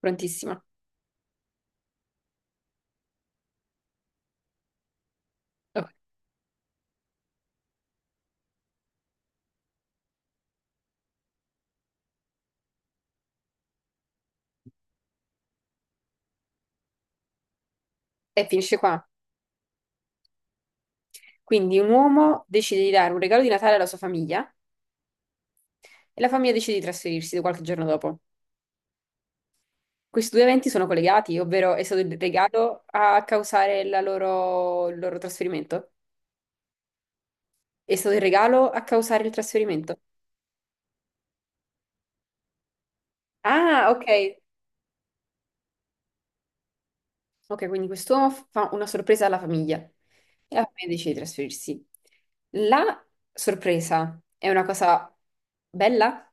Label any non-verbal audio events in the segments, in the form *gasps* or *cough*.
Prontissima. Ok. E finisce qua. Quindi un uomo decide di dare un regalo di Natale alla sua famiglia e la famiglia decide di trasferirsi qualche giorno dopo. Questi due eventi sono collegati, ovvero è stato il regalo a causare il loro trasferimento. È stato il regalo a causare il trasferimento. Ah, ok. Ok, quindi quest'uomo fa una sorpresa alla famiglia e la famiglia decide di trasferirsi. La sorpresa è una cosa bella,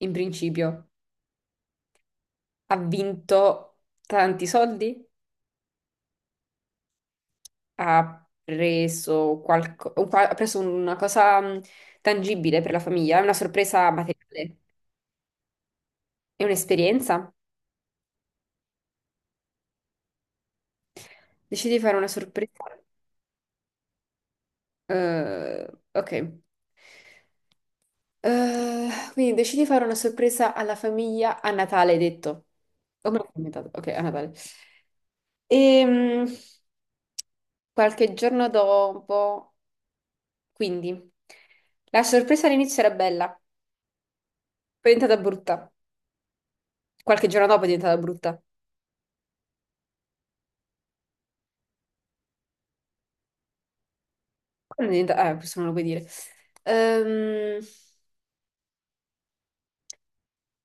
in principio. Ha vinto tanti soldi, ha preso, ha preso una cosa tangibile per la famiglia, è una sorpresa materiale, è un'esperienza. Decidi di fare una sorpresa. Ok. Eh, quindi decidi di fare una sorpresa alla famiglia a Natale, hai detto. O me l'ho inventato. Ok, a Natale. E, qualche giorno dopo, quindi, la sorpresa all'inizio era bella. Poi è diventata brutta. Qualche giorno dopo è diventata brutta. Quando è diventata... questo non lo puoi dire. Ehm,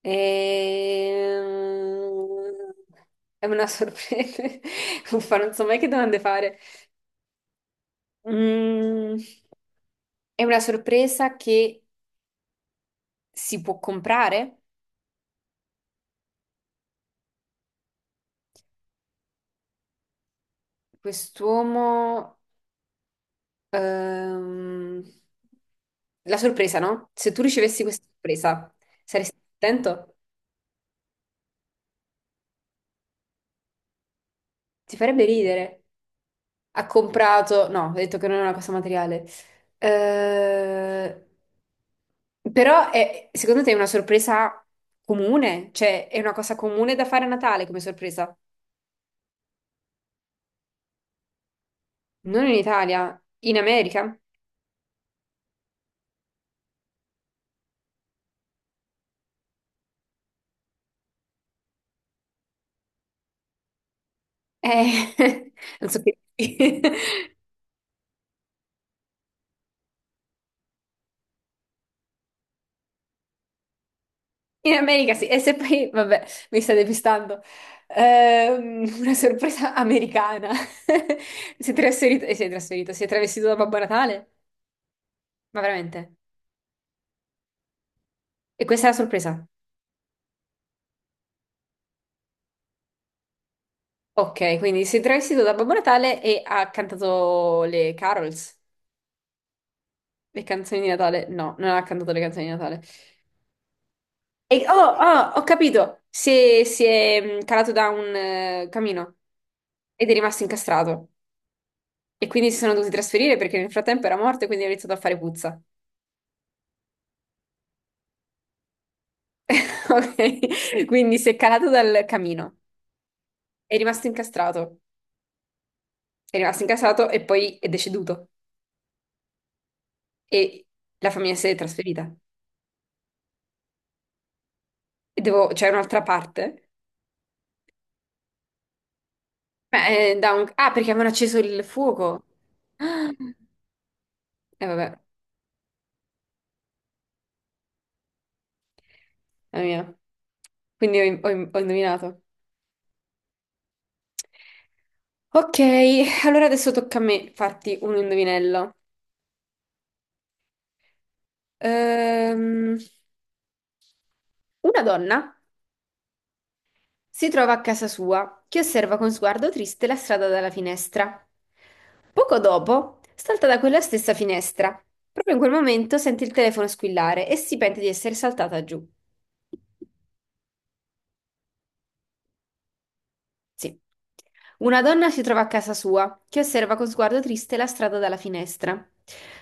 ehm, È una sorpresa. *laughs* Uffa, non so mai che domande fare. Mm, È una sorpresa che si può comprare? Quest'uomo... ehm, La sorpresa, no? Se tu ricevessi questa sorpresa, saresti contento? Ti farebbe ridere. Ha comprato, no, ho detto che non è una cosa materiale. Eh, però secondo te è una sorpresa comune? Cioè, è una cosa comune da fare a Natale come sorpresa? Non in Italia, in America? Eh, *laughs* non so che. *laughs* In America sì, e se poi, vabbè, mi sta depistando. Una sorpresa americana. *laughs* Si è travestito da Babbo Natale? Ma veramente? E questa è la sorpresa? Ok, quindi si è travestito da Babbo Natale e ha cantato le carols, le canzoni di Natale. No, non ha cantato le canzoni di Natale. E, oh, oh, ho capito! Si è calato da un camino ed è rimasto incastrato. E quindi si sono dovuti trasferire perché nel frattempo era morto e quindi ha iniziato a fare puzza. *laughs* Ok, quindi si è calato dal camino, è rimasto incastrato, è rimasto incastrato e poi è deceduto. E la famiglia si è trasferita. E devo, c'è un'altra parte. Beh, Ah, perché avevano acceso il fuoco. *gasps* Ah, e vabbè, la mia. Quindi ho indovinato. Ok, allora adesso tocca a me farti un indovinello. Ehm, una donna si trova a casa sua che osserva con sguardo triste la strada dalla finestra. Poco dopo salta da quella stessa finestra. Proprio in quel momento sente il telefono squillare e si pente di essere saltata giù. Sì. Una donna si trova a casa sua, che osserva con sguardo triste la strada dalla finestra.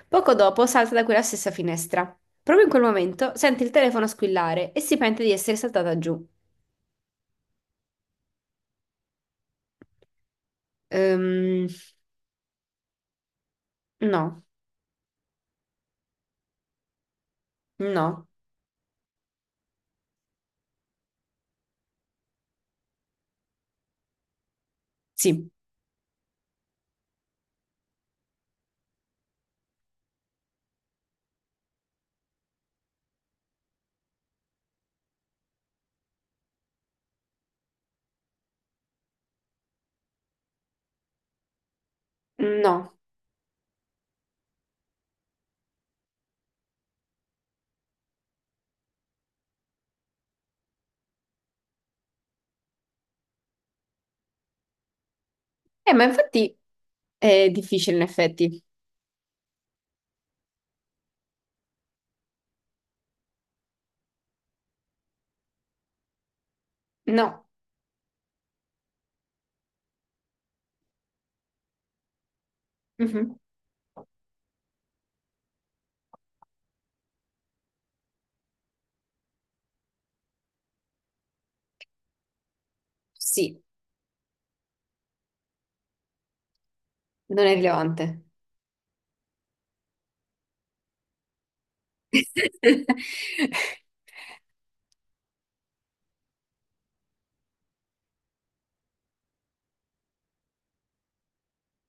Poco dopo salta da quella stessa finestra. Proprio in quel momento sente il telefono squillare e si pente di essere saltata giù. Ehm, no, no, sì, no. Ma infatti è difficile in effetti. No. Mhm. Sì, non è rilevante. *laughs*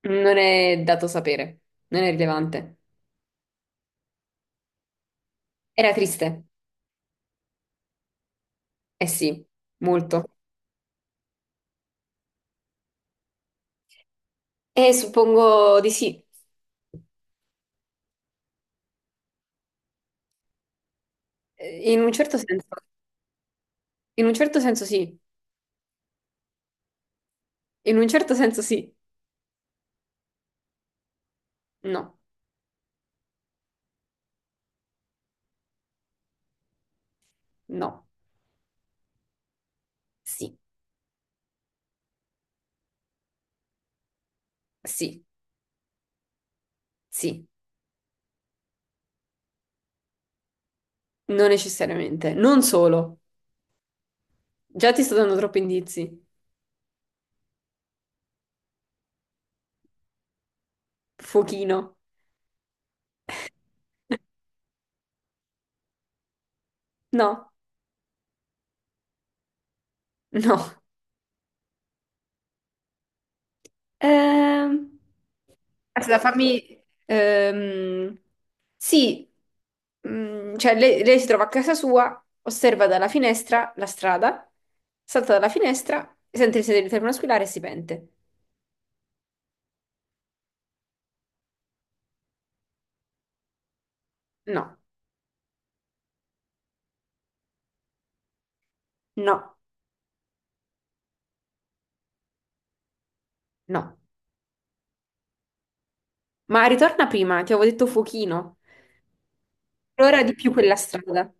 Non è dato sapere, non è rilevante. Era triste. Eh sì, molto. E suppongo di sì. In un certo senso, in un certo senso sì, in un certo senso sì, no, no, sì, sì, sì, non necessariamente, non solo. Già ti sto dando troppi indizi. Fuochino, no, no. Ehm, Aspetta, fammi. Sì, cioè lei, si trova a casa sua, osserva dalla finestra la strada, salta dalla finestra, sente il sedere di telefono squillare e si pente. No, no, no. Ma ritorna prima, ti avevo detto fuochino. Allora di più quella strada.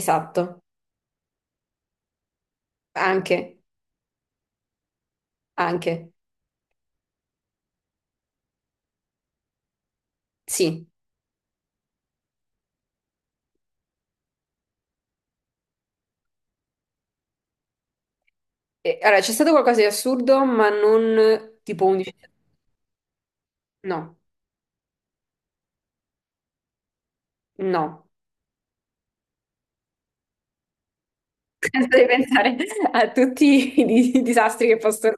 Esatto, anche, anche, sì. E, allora, c'è stato qualcosa di assurdo, ma non tipo 11. No, no. *laughs* Penso di pensare a tutti i disastri che possono.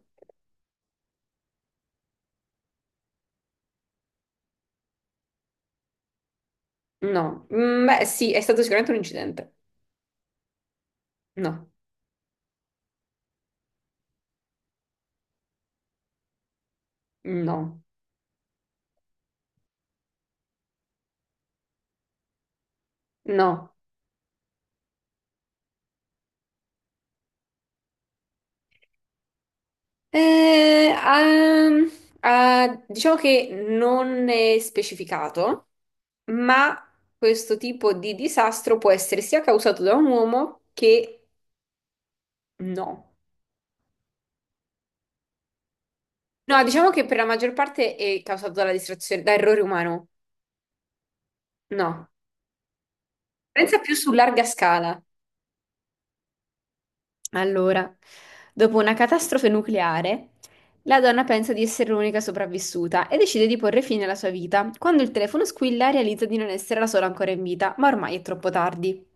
No. Beh sì, è stato sicuramente un incidente. No, no, no. Eh, ehm, diciamo che non è specificato, ma questo tipo di disastro può essere sia causato da un uomo che no. No, diciamo che per la maggior parte è causato dalla distrazione, da errore umano. No. Pensa più su larga scala. Allora, dopo una catastrofe nucleare, la donna pensa di essere l'unica sopravvissuta e decide di porre fine alla sua vita. Quando il telefono squilla, realizza di non essere la sola ancora in vita, ma ormai è troppo tardi.